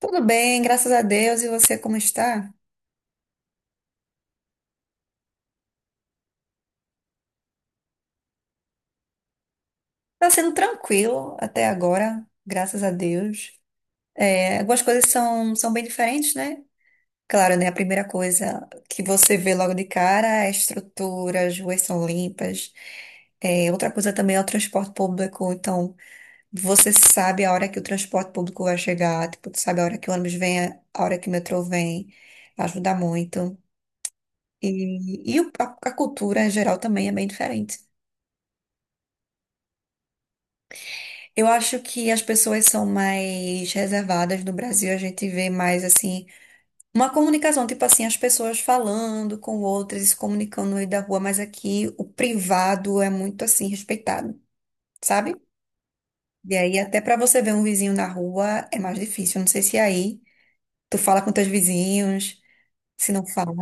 Tudo bem, graças a Deus. E você como está? Está sendo tranquilo até agora, graças a Deus. É, algumas coisas são bem diferentes, né? Claro, né? A primeira coisa que você vê logo de cara é a estrutura, as ruas são limpas. É, outra coisa também é o transporte público. Então, você sabe a hora que o transporte público vai chegar, tipo, tu sabe a hora que o ônibus vem, a hora que o metrô vem. Ajuda muito. E a cultura em geral também é bem diferente. Eu acho que as pessoas são mais reservadas no Brasil, a gente vê mais assim, uma comunicação, tipo assim, as pessoas falando com outras e se comunicando no meio da rua, mas aqui o privado é muito assim respeitado, sabe? E aí até pra você ver um vizinho na rua é mais difícil. Não sei se aí tu fala com teus vizinhos, se não fala,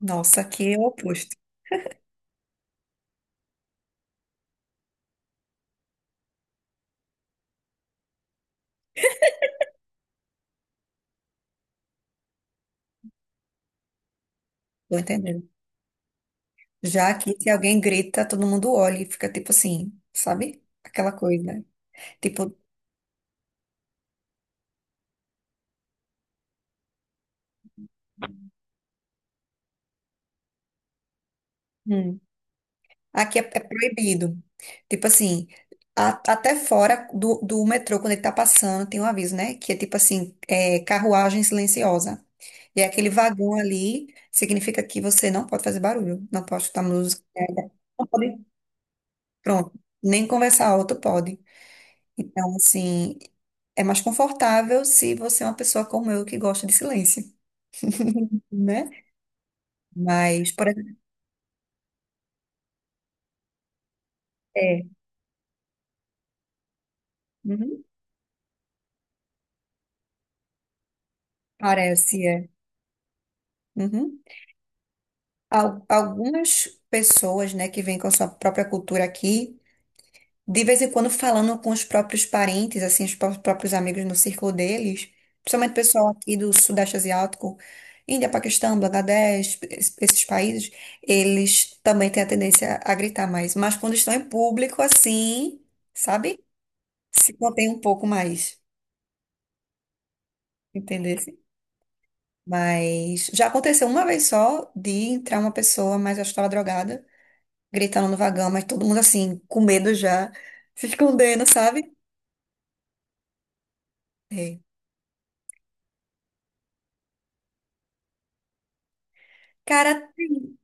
nossa, aqui é o oposto. Tô entendendo. Já aqui se alguém grita, todo mundo olha e fica tipo assim, sabe? Aquela coisa. Tipo, hum. Aqui é proibido. Tipo assim, até fora do metrô, quando ele tá passando, tem um aviso, né? Que é tipo assim, é, carruagem silenciosa. E é aquele vagão ali significa que você não pode fazer barulho, não pode escutar música, não pode, pronto, nem conversar alto pode. Então, assim, é mais confortável se você é uma pessoa como eu que gosta de silêncio, né? Mas, por exemplo, é, uhum, parece, é. Uhum. Algumas pessoas, né, que vêm com a sua própria cultura aqui, de vez em quando falando com os próprios parentes, assim, os próprios amigos no círculo deles, principalmente o pessoal aqui do Sudeste Asiático, Índia, Paquistão, Bangladesh, esses países, eles também têm a tendência a gritar mais. Mas quando estão em público, assim, sabe? Se contém um pouco mais, entendeu? Mas já aconteceu uma vez só de entrar uma pessoa, mas eu estava drogada, gritando no vagão, mas todo mundo assim, com medo já, se escondendo, sabe? É. Cara, tem.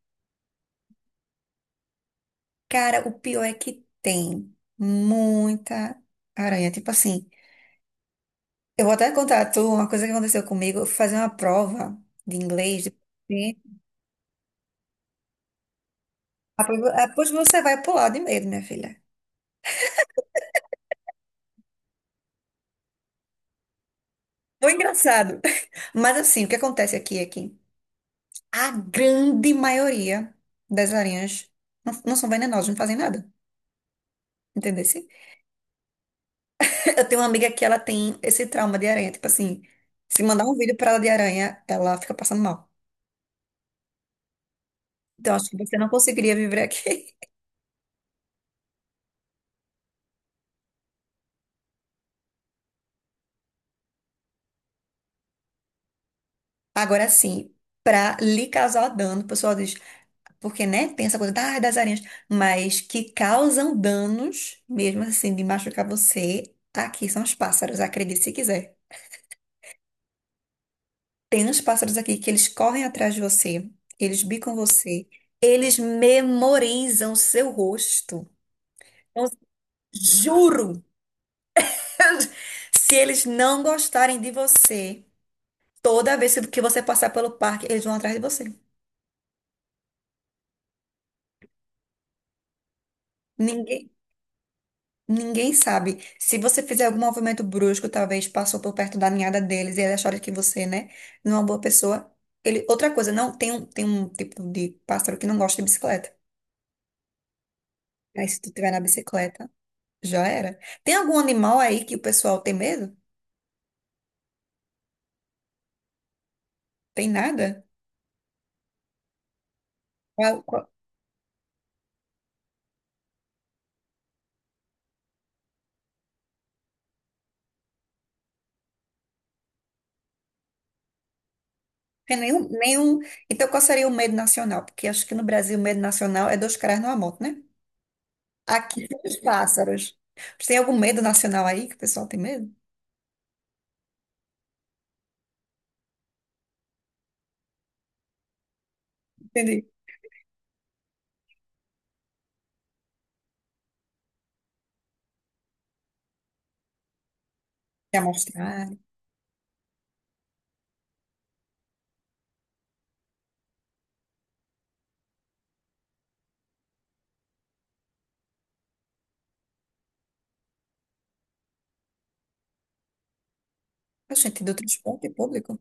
Cara, o pior é que tem muita aranha. Tipo assim, eu vou até contar a tu uma coisa que aconteceu comigo. Eu fui fazer uma prova de inglês. De... Sim. Depois depois você vai pular de medo, minha filha. Foi engraçado. Mas assim, o que acontece aqui é que a grande maioria das aranhas não são venenosas, não fazem nada. Entendeu? Eu tenho uma amiga que ela tem esse trauma de aranha. Tipo assim, se mandar um vídeo pra ela de aranha, ela fica passando mal. Então, acho que você não conseguiria viver aqui. Agora sim, pra lhe causar dano, o pessoal diz, porque, né, tem essa coisa ah, das aranhas, mas que causam danos, mesmo assim, de machucar você, aqui são os pássaros, acredite se quiser. Tem uns pássaros aqui que eles correm atrás de você, eles bicam você, eles memorizam seu rosto. Eu juro! Se eles não gostarem de você, toda vez que você passar pelo parque, eles vão atrás de você. Ninguém, ninguém sabe. Se você fizer algum movimento brusco, talvez passou por perto da ninhada deles e eles acharam que você, né, não é uma boa pessoa. Ele, outra coisa, não, tem um tipo de pássaro que não gosta de bicicleta. Aí se tu tiver na bicicleta, já era. Tem algum animal aí que o pessoal tem medo? Tem nada? Tem nenhum, nenhum. Então, qual seria o medo nacional? Porque acho que no Brasil o medo nacional é dois caras numa moto, né? Aqui são os pássaros. Tem algum medo nacional aí que o pessoal tem medo? Entendi. De amostrar. Ah, gente, do transporte público?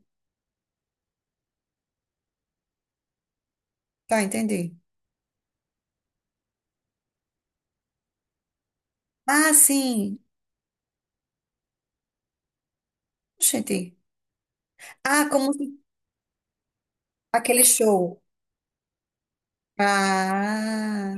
Tá, entendi. Ah, sim. Gente. Ah, como se- aquele show. Ah,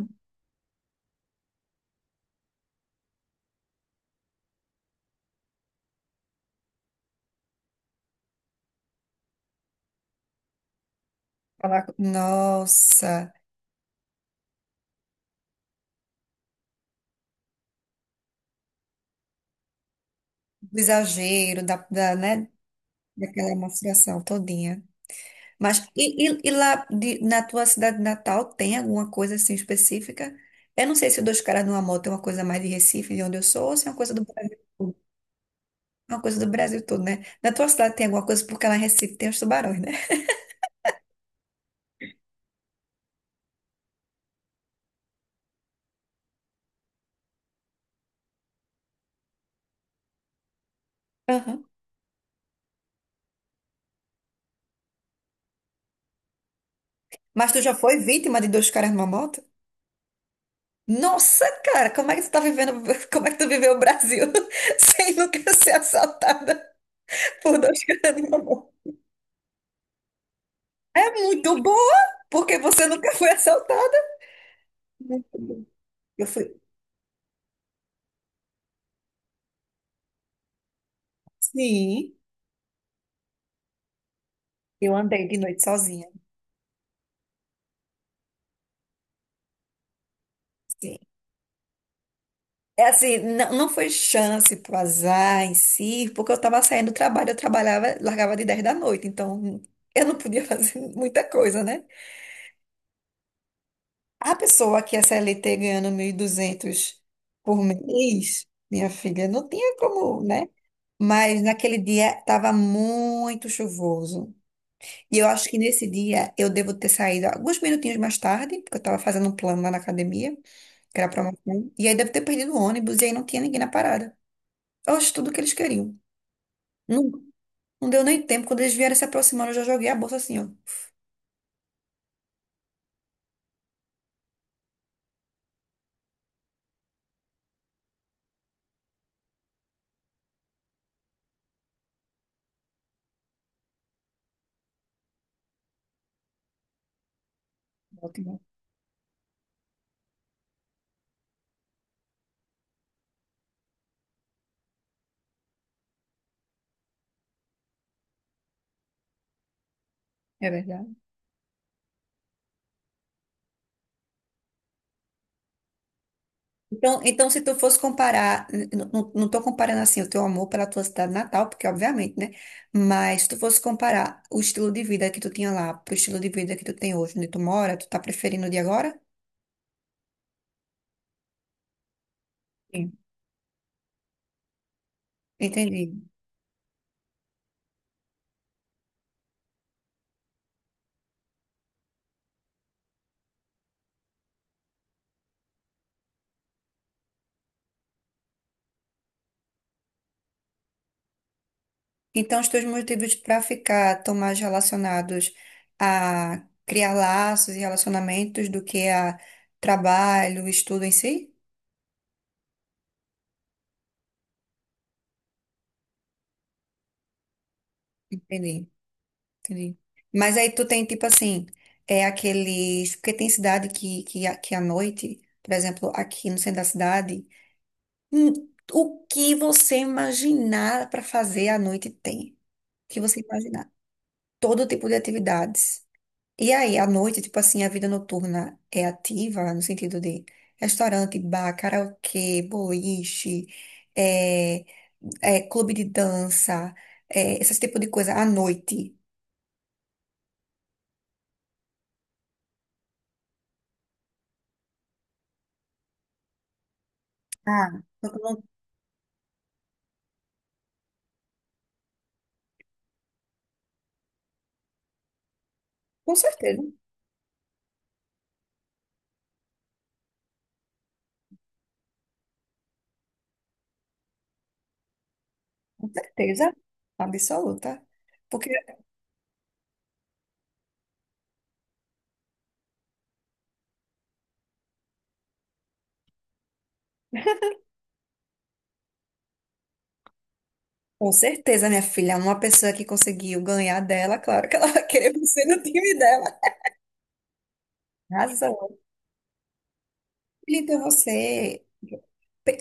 nossa, do exagero da, né? Daquela demonstração todinha. Mas e lá na tua cidade natal tem alguma coisa assim específica? Eu não sei se o Dois Caras numa Moto é uma coisa mais de Recife, de onde eu sou, ou se é uma coisa do Brasil todo. É uma coisa do Brasil todo, né? Na tua cidade tem alguma coisa, porque lá em Recife tem os tubarões, né? Aham. Mas tu já foi vítima de Dois Caras numa Moto? Nossa, cara, como é que tu tá vivendo, como é que tu viveu o Brasil sem nunca ser assaltada por Dois Caras numa Moto? É muito boa, porque você nunca foi assaltada. Muito bom. Eu fui. Sim. Eu andei de noite sozinha. Sim. É assim, não, não foi chance pro azar em si, porque eu tava saindo do trabalho, eu trabalhava, largava de 10 da noite, então eu não podia fazer muita coisa, né? A pessoa que é CLT ganhando 1.200 por mês, minha filha, não tinha como, né? Mas naquele dia estava muito chuvoso. E eu acho que nesse dia eu devo ter saído alguns minutinhos mais tarde, porque eu estava fazendo um plano lá na academia, que era promoção. E aí deve ter perdido o ônibus e aí não tinha ninguém na parada. Oxe, tudo que eles queriam. Não, não deu nem tempo. Quando eles vieram se aproximando, eu já joguei a bolsa assim, ó. Ótimo. É verdade. Então, então, se tu fosse comparar, não tô comparando assim o teu amor pela tua cidade natal, porque obviamente, né? Mas se tu fosse comparar o estilo de vida que tu tinha lá pro estilo de vida que tu tem hoje, onde tu mora, tu tá preferindo o de agora? Sim. Entendi. Então, os teus motivos para ficar tão mais relacionados a criar laços e relacionamentos do que a trabalho, estudo em si? Entendi, entendi. Mas aí tu tem, tipo assim, é aqueles... Porque tem cidade que à noite, por exemplo, aqui no centro da cidade, hum, o que você imaginar para fazer à noite tem. O que você imaginar. Todo tipo de atividades. E aí, à noite, tipo assim, a vida noturna é ativa, no sentido de restaurante, bar, karaokê, boliche, é, é, clube de dança, é, esse tipo de coisa à noite. Ah, eu não- com certeza, com certeza absoluta. Porque, com certeza, minha filha, uma pessoa que conseguiu ganhar dela, claro que ela vai querer você no time dela. Razão. Então, você.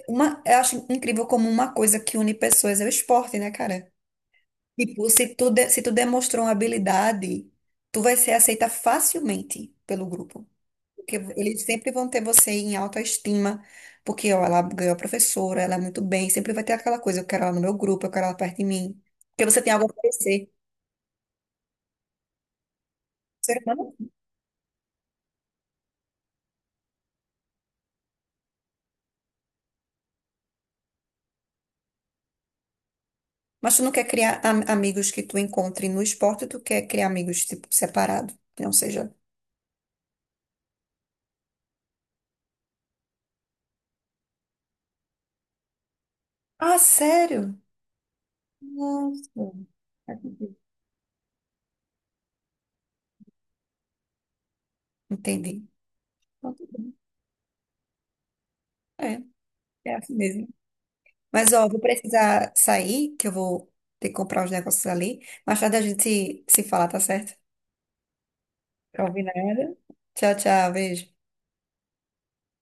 Uma, eu acho incrível como uma coisa que une pessoas é o esporte, né, cara? Tipo, se tu demonstrou uma habilidade, tu vai ser aceita facilmente pelo grupo. Porque eles sempre vão ter você em autoestima, porque ó, ela ganhou a professora, ela é muito bem, sempre vai ter aquela coisa, eu quero ela no meu grupo, eu quero ela perto de mim. Porque você tem algo a oferecer. Ser humano. Mas tu não quer criar amigos que tu encontre no esporte, tu quer criar amigos, tipo, separado. Não seja. Ah, sério? Nossa. Entendi. Então, tudo bem. É, é assim mesmo. Mas, ó, vou precisar sair, que eu vou ter que comprar os negócios ali. Mais tarde a gente se fala, tá certo? Combinado. Tchau, tchau, beijo.